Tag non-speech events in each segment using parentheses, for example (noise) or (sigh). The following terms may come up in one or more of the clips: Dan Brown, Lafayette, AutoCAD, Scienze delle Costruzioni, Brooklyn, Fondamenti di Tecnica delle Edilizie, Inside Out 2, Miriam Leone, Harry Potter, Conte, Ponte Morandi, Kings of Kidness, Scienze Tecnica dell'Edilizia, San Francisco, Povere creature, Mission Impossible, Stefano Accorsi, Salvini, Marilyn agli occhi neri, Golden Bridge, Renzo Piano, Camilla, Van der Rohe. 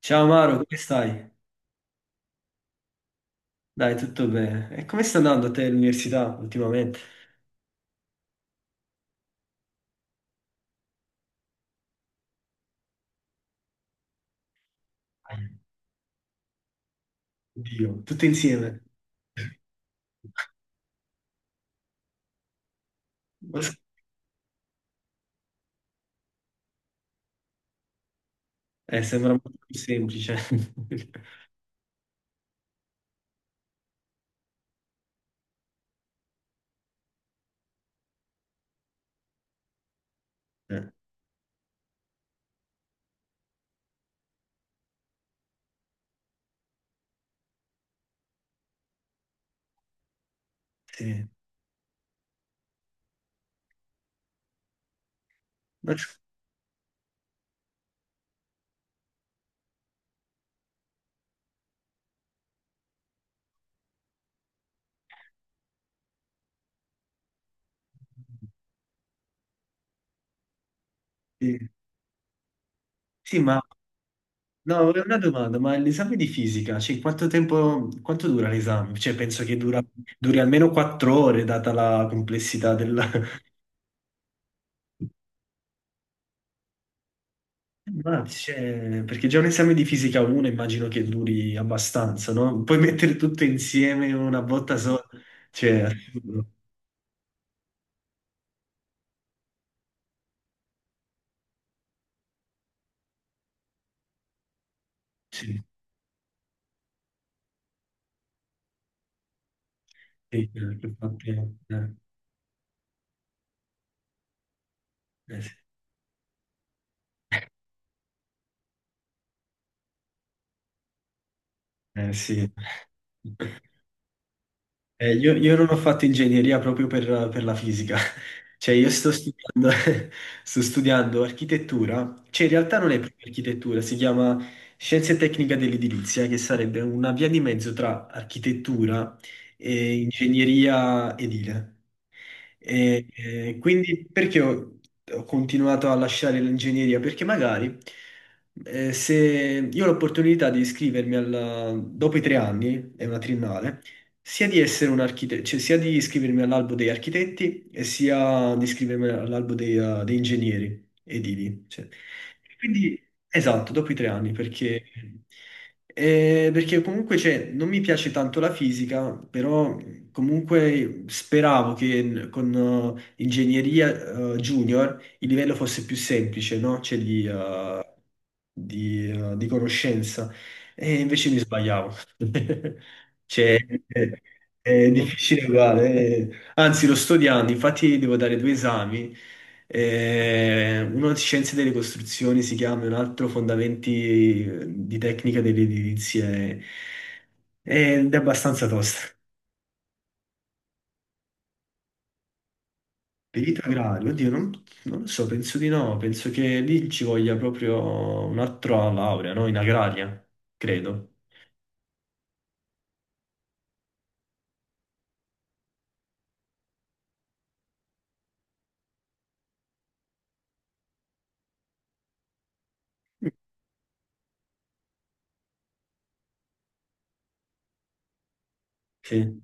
Ciao Maro, come stai? Dai, tutto bene. E come sta andando a te l'università ultimamente? Oddio, tutto insieme. Non so- sembra molto più semplice. (laughs) Eh, sì. Non so- Sì. Sì, ma no, avrei una domanda, ma l'esame di fisica, cioè, quanto tempo, quanto dura l'esame? Cioè, penso che duri almeno 4 ore, data la complessità del. (laughs) Perché già un esame di fisica 1 immagino che duri abbastanza, no? Puoi mettere tutto insieme in una botta sola, cioè, assurdo. Sì, sì, infatti, eh sì. Sì. Io non ho fatto ingegneria proprio per la fisica, (laughs) cioè io sto studiando architettura, cioè in realtà non è proprio architettura, si chiama Scienze Tecnica dell'Edilizia, che sarebbe una via di mezzo tra architettura e ingegneria edile. Quindi perché ho continuato a lasciare l'ingegneria? Perché magari se io ho l'opportunità di iscrivermi dopo i 3 anni, è una triennale, sia di essere un architetto, cioè sia di iscrivermi all'albo degli architetti e sia di iscrivermi all'albo dei ingegneri edili. Cioè. Quindi, esatto, dopo i 3 anni, perché comunque cioè, non mi piace tanto la fisica, però comunque speravo che con ingegneria junior il livello fosse più semplice, no? Cioè di conoscenza. E invece mi sbagliavo. (laughs) Cioè, è, è difficile uguale. Anzi, lo sto odiando. Infatti, devo dare due esami. Uno di Scienze delle Costruzioni si chiama, e un altro Fondamenti di Tecnica delle Edilizie. Ed è abbastanza tosta. Perito agrario, oddio, non lo so, penso di no. Penso che lì ci voglia proprio un'altra laurea, no? In agraria, credo. Sì.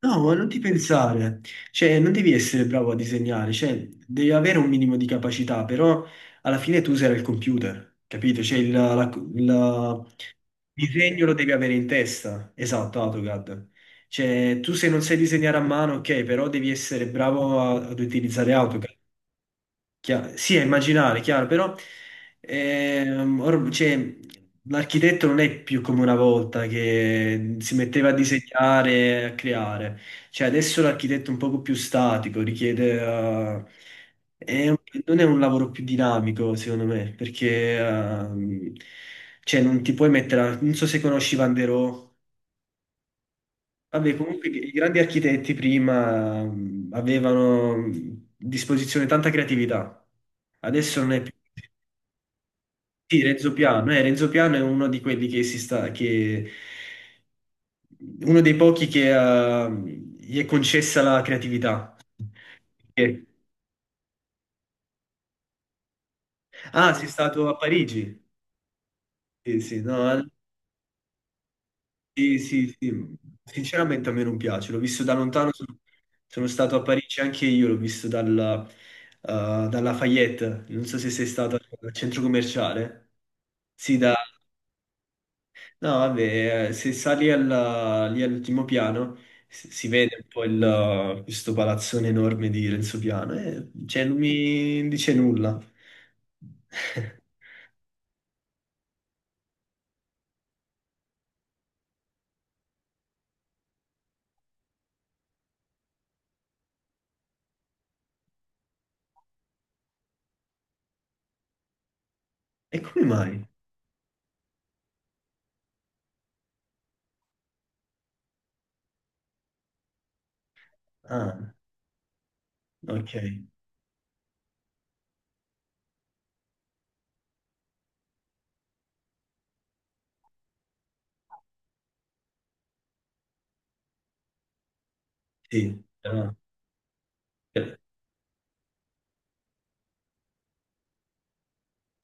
No, ma non ti pensare, cioè non devi essere bravo a disegnare, cioè devi avere un minimo di capacità, però alla fine tu userai il computer, capito? Cioè il disegno lo devi avere in testa, esatto, AutoCAD. Cioè tu se non sai disegnare a mano, ok, però devi essere bravo ad utilizzare AutoCAD. Sì, è immaginare, chiaro, però cioè, l'architetto non è più come una volta che si metteva a disegnare, a creare. Cioè, adesso l'architetto è un poco più statico, richiede, è un- non è un lavoro più dinamico, secondo me, perché cioè, non ti puoi mettere, non so se conosci Van der Rohe. Vabbè, comunque i grandi architetti prima avevano a disposizione tanta creatività. Adesso non è più. Sì, Renzo Piano è uno di quelli che che uno dei pochi che gli è concessa la creatività. Perché- Ah, sei stato a Parigi? Sì, sì, no, sì, sì, sì. Sinceramente a me non piace, l'ho visto da lontano, sono stato a Parigi anche io, l'ho visto dalla Lafayette, non so se sei stato al centro commerciale. Sì, da. No, vabbè, se sali lì all'ultimo piano si vede un po' questo palazzone enorme di Renzo Piano, e cioè, non mi dice nulla. (laughs) E come mai? Ah, ok, sì,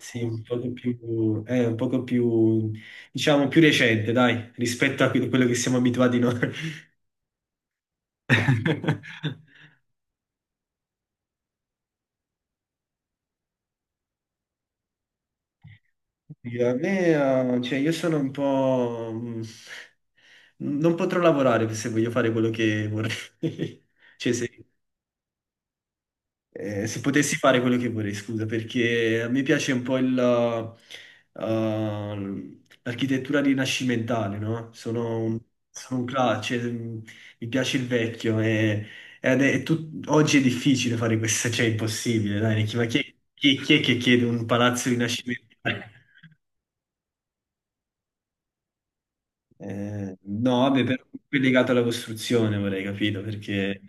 sì, è un poco più, diciamo, più recente, dai, rispetto a quello che siamo abituati noi. (laughs) A me, cioè, io sono un po'. Non potrò lavorare se voglio fare quello che vorrei. (laughs) Cioè, se potessi fare quello che vorrei, scusa, perché a me piace un po' l'architettura rinascimentale, no? Cioè, mi piace il vecchio. Oggi è difficile fare questo, cioè è impossibile, dai, Nicky, chi è che chiede un palazzo rinascimentale? No, vabbè, però è legato alla costruzione, vorrei capito, perché.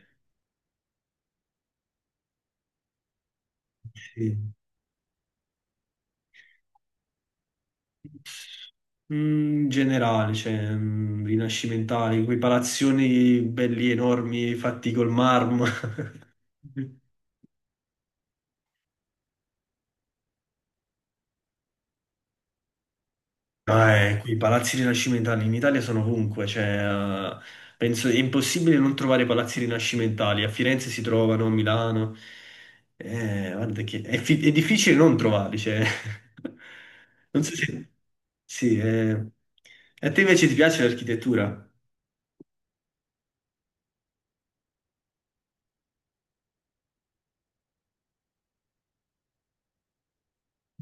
Sì. In generale, cioè, rinascimentali, quei palazzoni belli enormi fatti col marmo. (laughs) Ah, qui i palazzi rinascimentali in Italia sono ovunque, cioè, penso è impossibile non trovare palazzi rinascimentali. A Firenze si trovano, a Milano. Guarda che è difficile non trovarli, cioè. (laughs) Non so se. Sì, eh. A te invece ti piace l'architettura?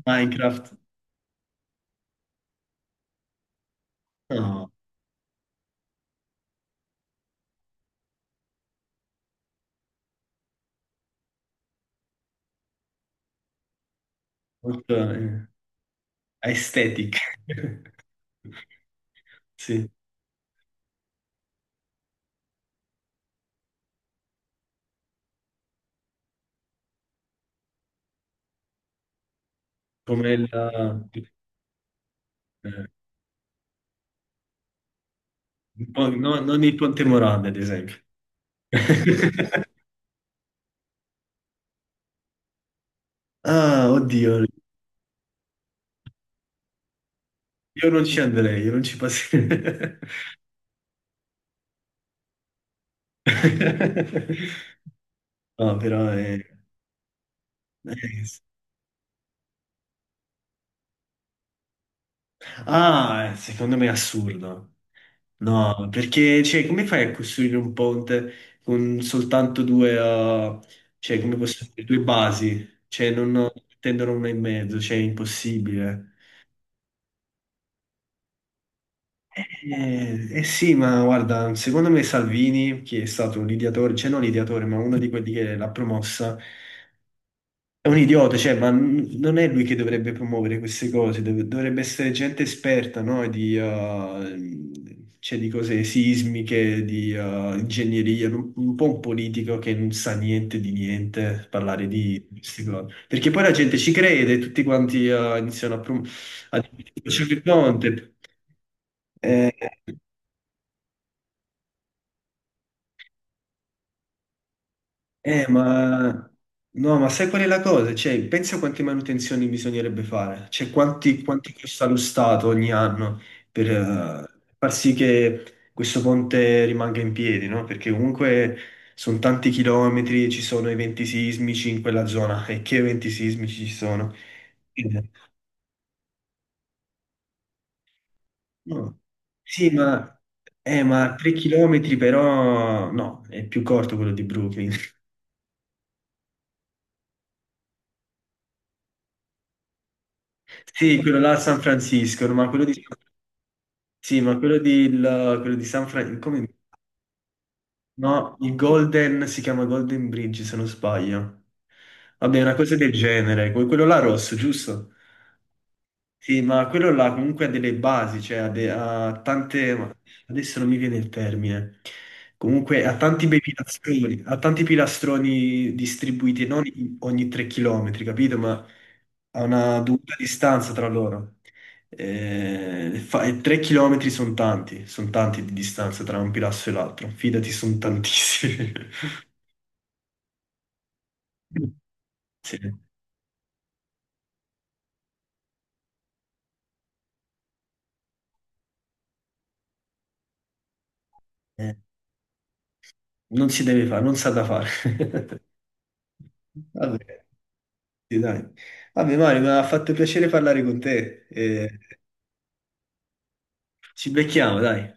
Minecraft? No. Molto aesthetic. (laughs) Sì, come il, un po'- no- non il Ponte Morandi, ad esempio. (laughs) Ah, oddio, io non ci andrei, io non ci passerei. (laughs) No, però è. Ah, secondo me è assurdo. No, perché, cioè, come fai a costruire un ponte con soltanto due, cioè, come posso dire, due basi? Cioè, non tendono una in mezzo, cioè, è impossibile. Eh sì, ma guarda, secondo me Salvini, che è stato un ideatore, cioè non ideatore, ma uno di quelli che l'ha promossa. È un idiota, cioè, ma non è lui che dovrebbe promuovere queste cose, dovrebbe essere gente esperta, no? Cioè, di cose sismiche, di ingegneria, un po' un politico che non sa niente di niente, parlare di queste cose. Perché poi la gente ci crede, tutti quanti iniziano a dire che c'è il Conte. Eh, ma no, ma sai qual è la cosa? Cioè, pensa quante manutenzioni bisognerebbe fare, cioè quanti costa lo Stato ogni anno per far sì che questo ponte rimanga in piedi, no? Perché comunque sono tanti chilometri, ci sono eventi sismici in quella zona, e che eventi sismici ci sono? Eh, no. Sì, ma 3 chilometri però no, è più corto quello di Brooklyn. (laughs) Sì, quello là a San Francisco, no, ma quello di sì, ma quello quello di San Francisco, no, il Golden si chiama Golden Bridge, se non sbaglio. Vabbè, una cosa del genere, quello là rosso, giusto? Sì, ma quello là comunque ha delle basi, cioè ha tante, ma adesso non mi viene il termine, comunque ha tanti bei pilastroni, ha tanti pilastroni distribuiti, non ogni 3 chilometri, capito? Ma a una dovuta distanza tra loro. E 3 chilometri sono tanti di distanza tra un pilastro e l'altro, fidati, sono tantissimi. (laughs) Sì. Eh, non si deve fare, non sa da fare. (laughs) Vabbè. Sì, dai. Vabbè Mario, mi ha fatto piacere parlare con te, ci becchiamo, dai.